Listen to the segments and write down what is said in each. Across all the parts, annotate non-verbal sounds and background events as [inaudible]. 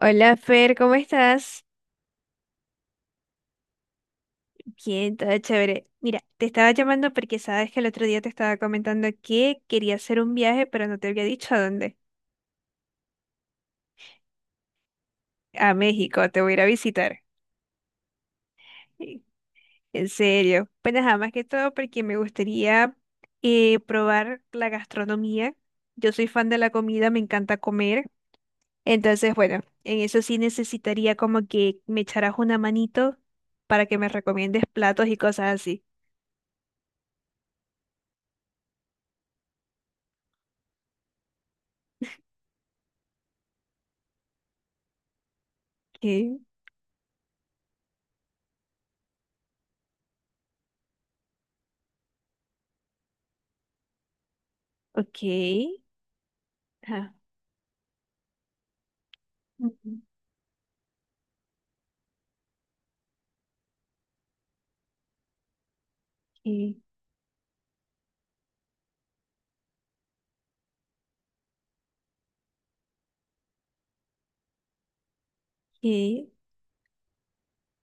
Hola Fer, ¿cómo estás? Bien, todo chévere. Mira, te estaba llamando porque sabes que el otro día te estaba comentando que quería hacer un viaje, pero no te había dicho a dónde. A México, te voy a ir a visitar. Sí, en serio. Pues nada más que todo porque me gustaría probar la gastronomía. Yo soy fan de la comida, me encanta comer. Entonces, bueno, en eso sí necesitaría como que me echaras una manito para que me recomiendes platos y cosas así. Ok, ok. Ujú. Que, que,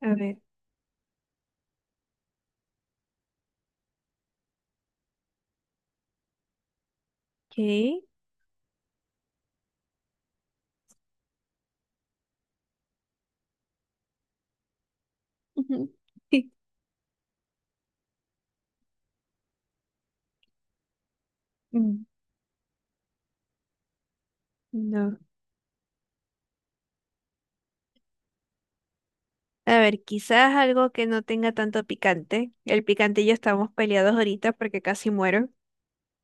a ver, que, ujú, [laughs] sí, mm, no. A ver, quizás algo que no tenga tanto picante. El picante y yo estamos peleados ahorita porque casi muero,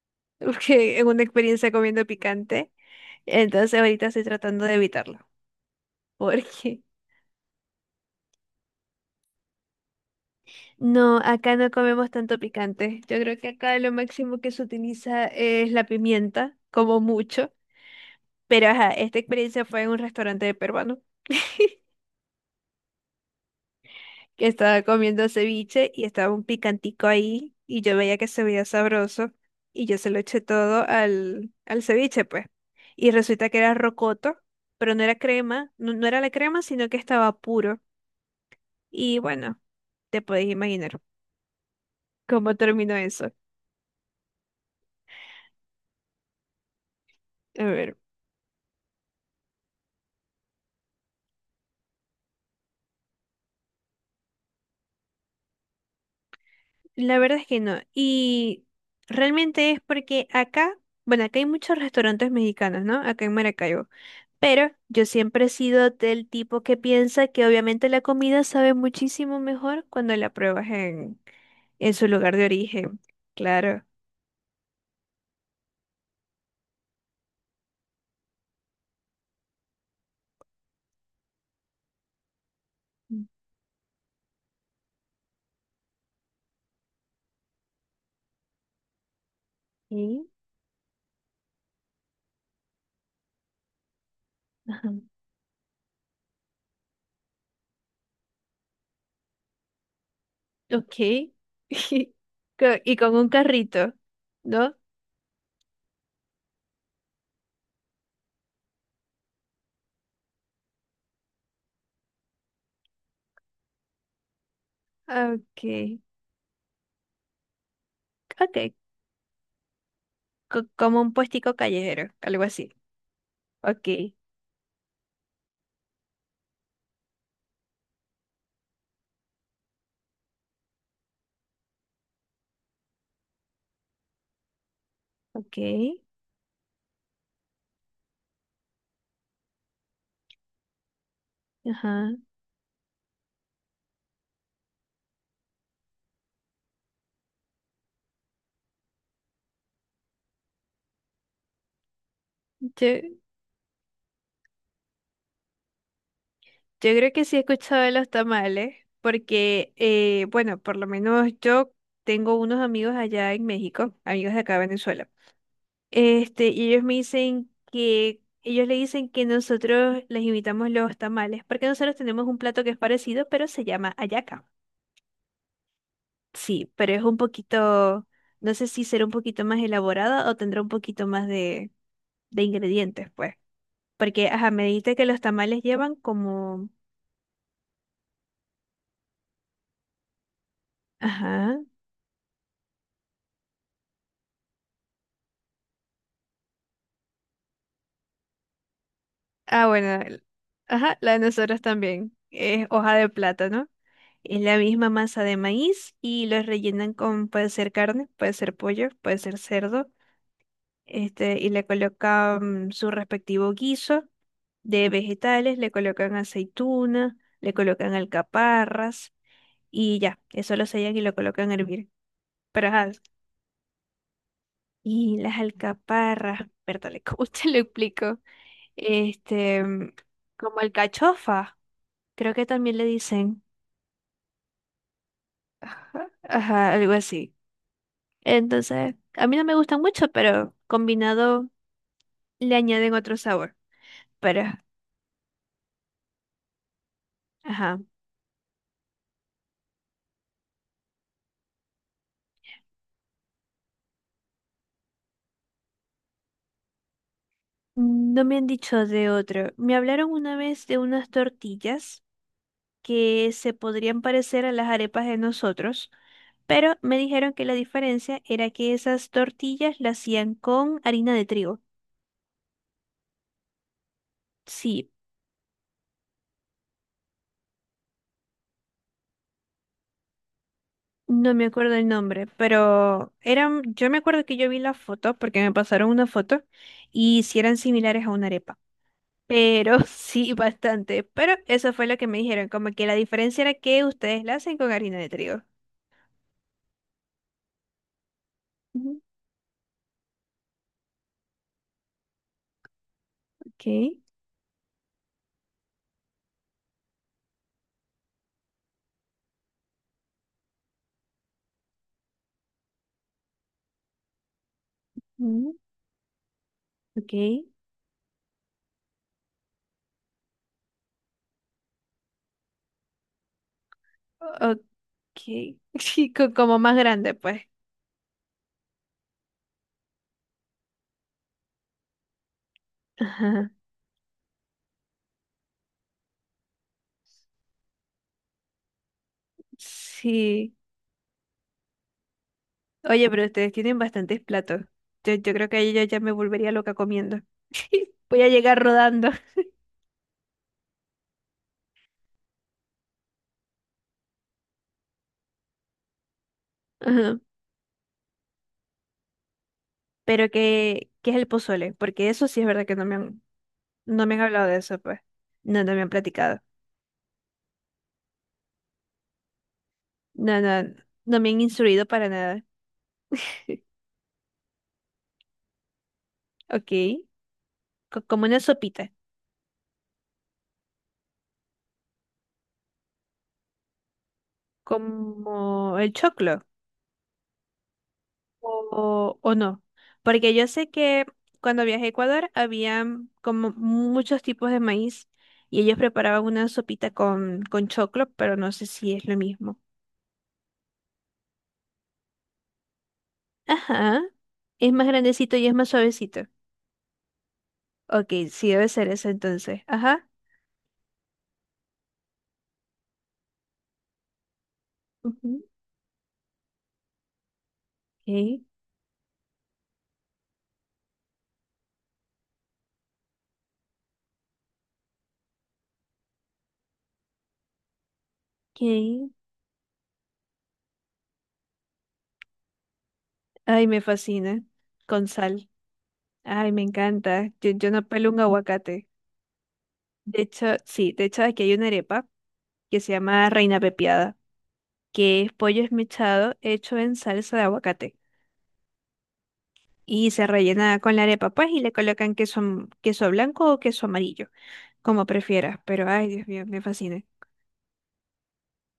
[laughs] porque en una experiencia comiendo picante. Entonces ahorita estoy tratando de evitarlo, [laughs] porque no, acá no comemos tanto picante. Yo creo que acá lo máximo que se utiliza es la pimienta, como mucho. Pero ajá, esta experiencia fue en un restaurante peruano. [laughs] Que estaba comiendo ceviche y estaba un picantico ahí y yo veía que se veía sabroso y yo se lo eché todo al ceviche, pues. Y resulta que era rocoto, pero no era crema, no, no era la crema, sino que estaba puro. Y bueno, te podéis imaginar cómo terminó eso. A ver, la verdad es que no. Y realmente es porque acá, bueno, acá hay muchos restaurantes mexicanos, ¿no? Acá en Maracaibo. Pero yo siempre he sido del tipo que piensa que obviamente la comida sabe muchísimo mejor cuando la pruebas en su lugar de origen. Claro. Ok. Ajá. Ok. [laughs] Co- Y con un carrito, ¿no? Ok. Ok. Co- como un puestico callejero, algo así. Ok. Ok. Ajá. Yo creo que sí he escuchado de los tamales, porque, bueno, por lo menos yo tengo unos amigos allá en México, amigos de acá de Venezuela. Este, y ellos me dicen que, ellos le dicen que nosotros les invitamos los tamales, porque nosotros tenemos un plato que es parecido, pero se llama hallaca. Sí, pero es un poquito, no sé si será un poquito más elaborada o tendrá un poquito más de ingredientes, pues. Porque, ajá, me dijiste que los tamales llevan como, ajá. Ah, bueno, el- ajá, la de nosotros también. Es hoja de plátano. Es la misma masa de maíz y lo rellenan con, puede ser carne, puede ser pollo, puede ser cerdo. Este, y le colocan su respectivo guiso de vegetales, le colocan aceituna, le colocan alcaparras y ya, eso lo sellan y lo colocan a hervir. Pero ajá, y las alcaparras, perdón, [laughs] ¿cómo te lo explico? Este, como alcachofa. Creo que también le dicen. Ajá, ajá, algo así. Entonces, a mí no me gustan mucho, pero combinado le añaden otro sabor. Pero, ajá. No me han dicho de otro. Me hablaron una vez de unas tortillas que se podrían parecer a las arepas de nosotros, pero me dijeron que la diferencia era que esas tortillas las hacían con harina de trigo. Sí, no me acuerdo el nombre, pero eran, yo me acuerdo que yo vi la foto porque me pasaron una foto y si eran similares a una arepa, pero [laughs] sí bastante, pero eso fue lo que me dijeron, como que la diferencia era que ustedes la hacen con harina de trigo. Ujú, ok, ujú, ok, ok, [laughs] sí, co- como más grande pues. Ajá, sí. Oye, pero ustedes tienen bastantes platos. Yo creo que yo ya me volvería loca comiendo. [laughs] Voy a llegar rodando. Ajá. Pero ¿qué, qué es el pozole? Porque eso sí es verdad que no me han, no me han hablado de eso, pues. No, no me han platicado. No, no, no me han instruido para nada. [laughs] Ok. Co- como una sopita. Como el choclo. O no. Porque yo sé que cuando viajé a Ecuador había como muchos tipos de maíz y ellos preparaban una sopita con choclo, pero no sé si es lo mismo. Ajá. Es más grandecito y es más suavecito. Ok, sí debe ser eso entonces. Ajá. Ujú. Ok, ok. Ay, me fascina. Con sal. Ay, me encanta. Yo no pelo un aguacate. De hecho, sí, de hecho aquí hay una arepa que se llama Reina Pepiada, que es pollo esmechado hecho en salsa de aguacate. Y se rellena con la arepa, pues, y le colocan queso, am- queso blanco o queso amarillo, como prefieras. Pero, ay, Dios mío, me fascina.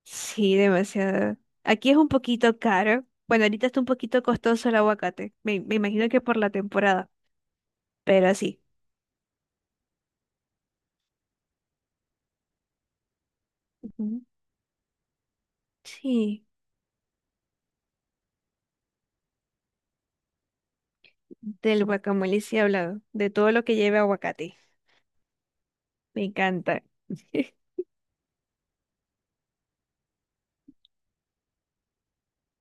Sí, demasiado. Aquí es un poquito caro. Bueno, ahorita está un poquito costoso el aguacate. Me imagino que por la temporada, pero sí. Ujú. Sí, del guacamole sí he hablado, de todo lo que lleve aguacate. Me encanta. [laughs]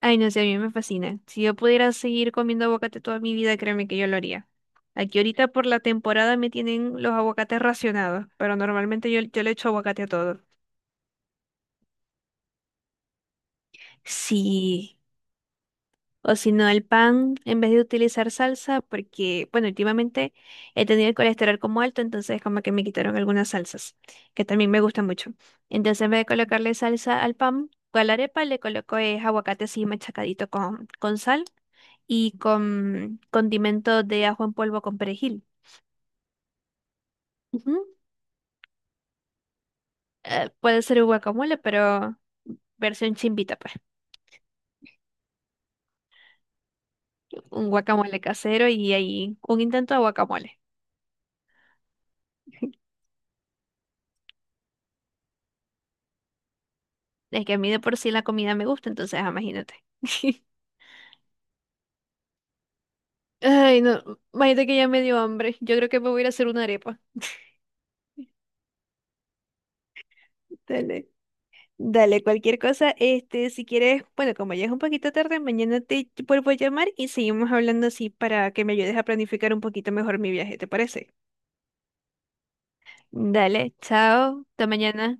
Ay, no sé, a mí me fascina. Si yo pudiera seguir comiendo aguacate toda mi vida, créeme que yo lo haría. Aquí ahorita por la temporada me tienen los aguacates racionados, pero normalmente yo le echo aguacate a todo. Sí. O si no, el pan, en vez de utilizar salsa, porque, bueno, últimamente he tenido el colesterol como alto, entonces como que me quitaron algunas salsas, que también me gustan mucho. Entonces, en vez de colocarle salsa al pan, con la arepa le coloco es aguacate así machacadito con sal y con condimento de ajo en polvo con perejil. Ujú. Puede ser un guacamole, pero versión chimbita, pues. Un guacamole casero y ahí un intento de guacamole. [laughs] Es que a mí de por sí la comida me gusta, entonces ah, imagínate. [laughs] Ay, no, imagínate que ya me dio hambre. Yo creo que me voy a ir a hacer una arepa. Dale, dale, cualquier cosa, este, si quieres, bueno, como ya es un poquito tarde, mañana te vuelvo a llamar y seguimos hablando así para que me ayudes a planificar un poquito mejor mi viaje, ¿te parece? Dale, chao, hasta mañana.